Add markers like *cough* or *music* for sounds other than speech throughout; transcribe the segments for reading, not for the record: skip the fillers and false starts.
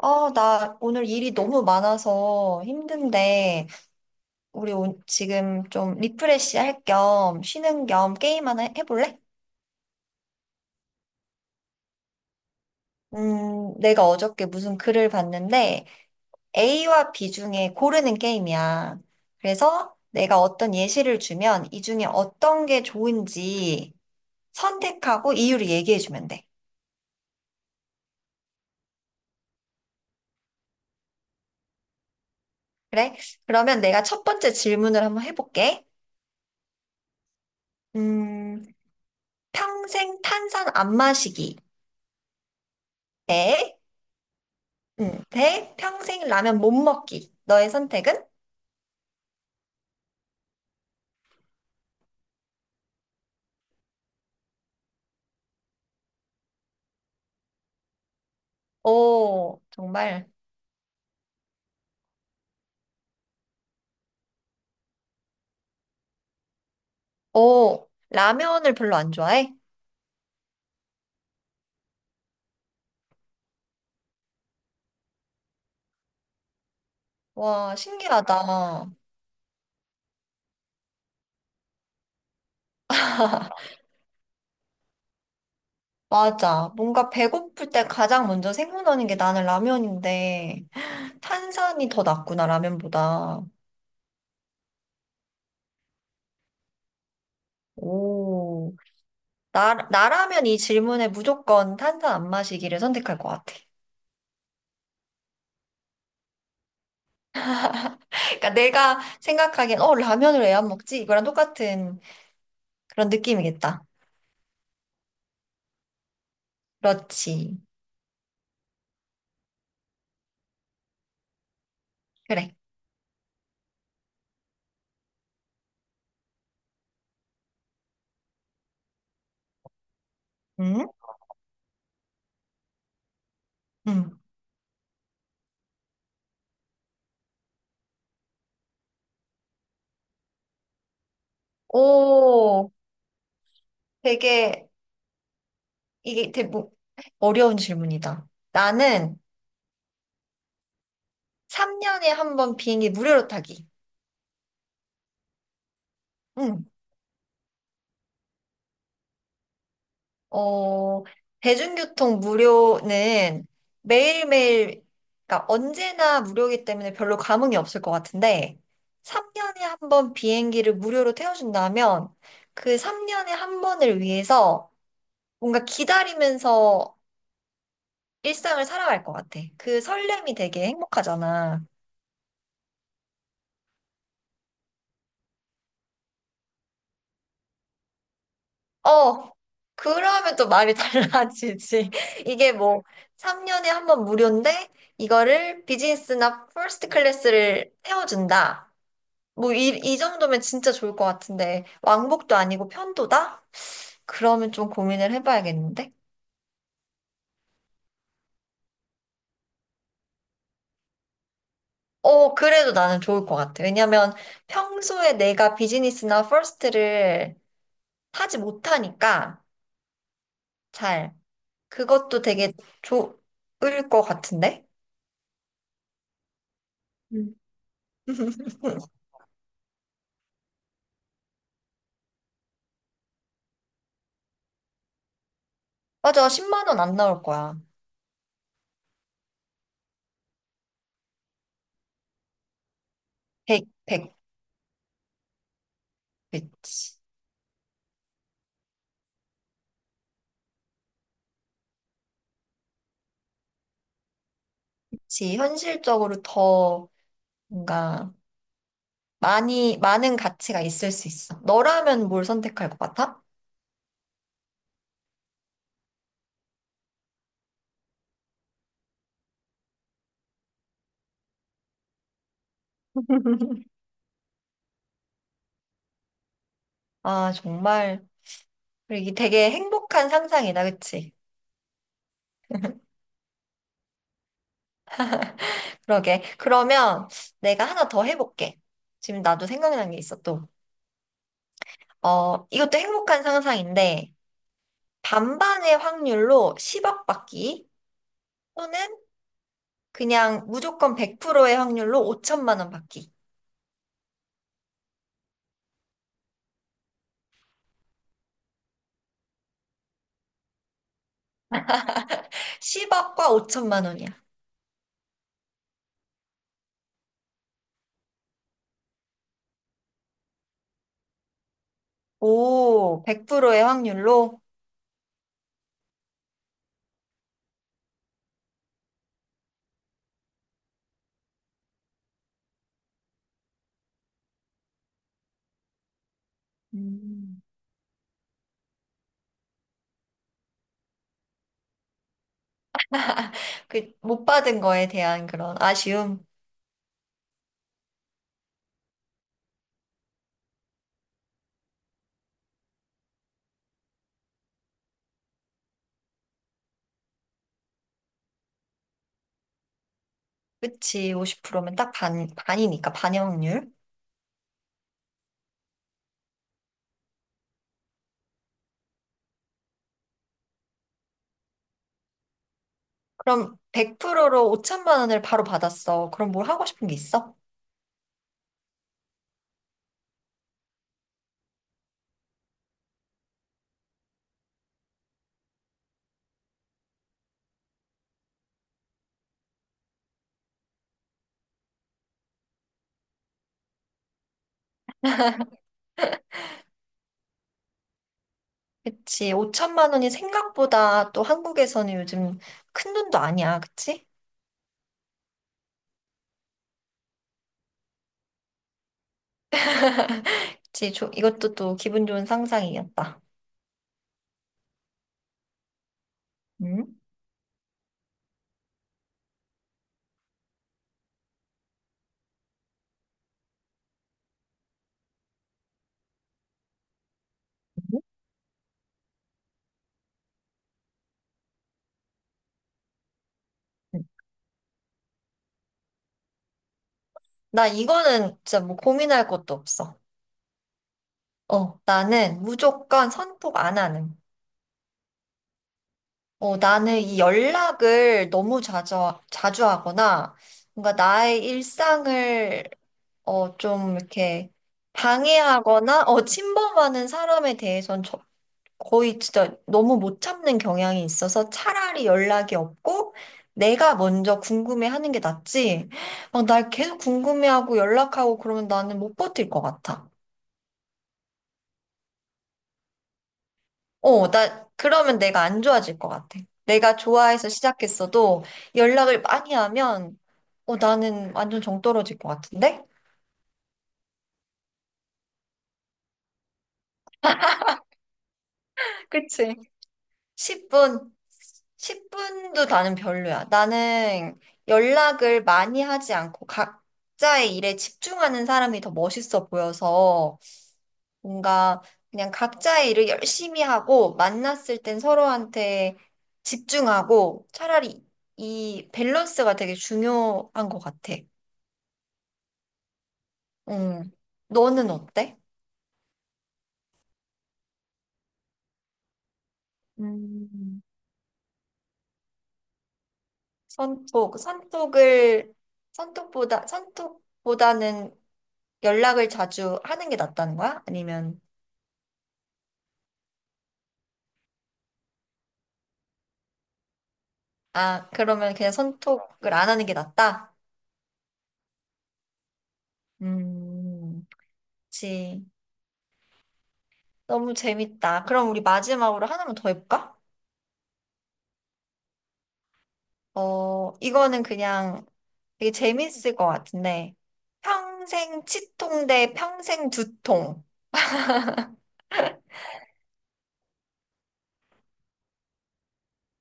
아, 나 오늘 일이 너무 많아서 힘든데, 우리 지금 좀 리프레시 할 겸 쉬는 겸 게임 하나 해볼래? 내가 어저께 무슨 글을 봤는데, A와 B 중에 고르는 게임이야. 그래서 내가 어떤 예시를 주면 이 중에 어떤 게 좋은지 선택하고 이유를 얘기해주면 돼. 그래? 그러면 내가 첫 번째 질문을 한번 해볼게. 음, 평생 탄산 안 마시기. 네? 대 평생 라면 못 먹기. 너의 선택은? 오, 정말. 오, 라면을 별로 안 좋아해? 와, 신기하다. *laughs* 맞아. 뭔가 배고플 때 가장 먼저 생각나는 게 나는 라면인데, 탄산이 더 낫구나, 라면보다. 오, 나라면 이 질문에 무조건 탄산 안 마시기를 선택할 것 같아. 그러니까 내가 생각하기엔, 어, 라면을 왜 안 먹지? 이거랑 똑같은 그런 느낌이겠다. 그렇지. 그래. 음. 응. 오, 되게, 이게 되게 어려운 질문이다. 나는 3년에 한 번 비행기 무료로 타기. 응. 어, 대중교통 무료는 매일매일, 그러니까 언제나 무료이기 때문에 별로 감흥이 없을 것 같은데, 3년에 한 번 비행기를 무료로 태워준다면, 그 3년에 한 번을 위해서 뭔가 기다리면서 일상을 살아갈 것 같아. 그 설렘이 되게 행복하잖아. 어, 그러면 또 말이 *laughs* 달라지지. 이게 뭐, 3년에 한 번 무료인데, 이거를 비즈니스나 퍼스트 클래스를 태워준다. 뭐, 이 정도면 진짜 좋을 것 같은데, 왕복도 아니고 편도다? 그러면 좀 고민을 해봐야겠는데? 어, 그래도 나는 좋을 것 같아. 왜냐면 평소에 내가 비즈니스나 퍼스트를 타지 못하니까, 잘. 그것도 되게 좋을 것 같은데? 음. *laughs* 맞아, 10만 원 안 나올 거야. 100, 그치. 그치. 현실적으로 더 뭔가 많은 가치가 있을 수 있어. 너라면 뭘 선택할 것 같아? *laughs* 아, 정말. 그리고 이게 되게 행복한 상상이다, 그치? 그러게. 그러면 내가 하나 더 해볼게. 지금 나도 생각난 게 있어, 또. 어, 이것도 행복한 상상인데, 반반의 확률로 10억 받기, 또는 그냥 무조건 100%의 확률로 5천만 원 받기. 10억과 5천만 원이야. 오, 100%의 확률로 음. 그 못 받은 거에 대한 그런 아쉬움. 그치, 50%면 딱 반이니까, 반의 확률. 그럼 100%로 5천만 원을 바로 받았어. 그럼 뭘 하고 싶은 게 있어? 그치, 5천만 원이 생각보다 또 한국에서는 요즘 큰 돈도 아니야. 그치? 그치, 이것도 또 기분 좋은 상상이었다. 응? 응. 나 이거는 진짜 뭐 고민할 것도 없어. 어, 나는 무조건 선톡 안 하는. 어, 나는 이 연락을 너무 자주 하거나, 뭔가 나의 일상을, 좀 이렇게 방해하거나, 침범하는 사람에 대해서는 거의 진짜 너무 못 참는 경향이 있어서 차라리 연락이 없고, 내가 먼저 궁금해하는 게 낫지. 막 날 계속 궁금해하고 연락하고 그러면 나는 못 버틸 것 같아. 나, 그러면 내가 안 좋아질 것 같아. 내가 좋아해서 시작했어도 연락을 많이 하면, 나는 완전 정 떨어질 것 같은데? 그치? 10분, 10분도 나는 별로야. 나는 연락을 많이 하지 않고 각자의 일에 집중하는 사람이 더 멋있어 보여서 뭔가 그냥 각자의 일을 열심히 하고 만났을 땐 서로한테 집중하고 차라리 이 밸런스가 되게 중요한 것 같아. 음. 너는 어때? 음, 선톡, 선톡을, 선톡보다는 연락을 자주 하는 게 낫다는 거야? 아니면, 아, 그러면 그냥 선톡을 안 하는 게 낫다? 음, 그치. 너무 재밌다. 그럼 우리 마지막으로 하나만 더 해볼까? 어, 이거는 그냥 되게 재밌을 것 같은데. 평생 치통 대 평생 두통.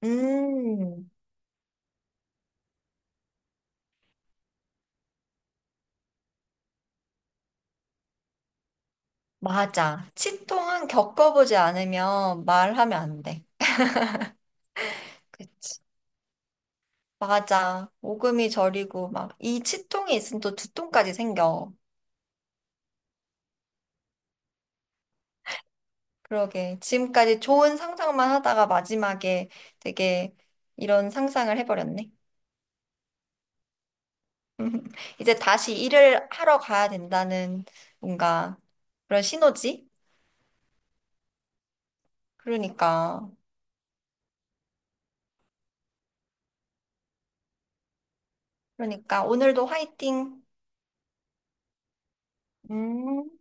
음. 맞아. 치통은 겪어보지 않으면 말하면 안 돼. 그치. 맞아. 오금이 저리고 막 이 치통이 있으면 또 두통까지 생겨. 그러게. 지금까지 좋은 상상만 하다가 마지막에 되게 이런 상상을 해버렸네. *laughs* 이제 다시 일을 하러 가야 된다는 뭔가 그런 신호지? 그러니까. 그러니까 오늘도 화이팅. 음.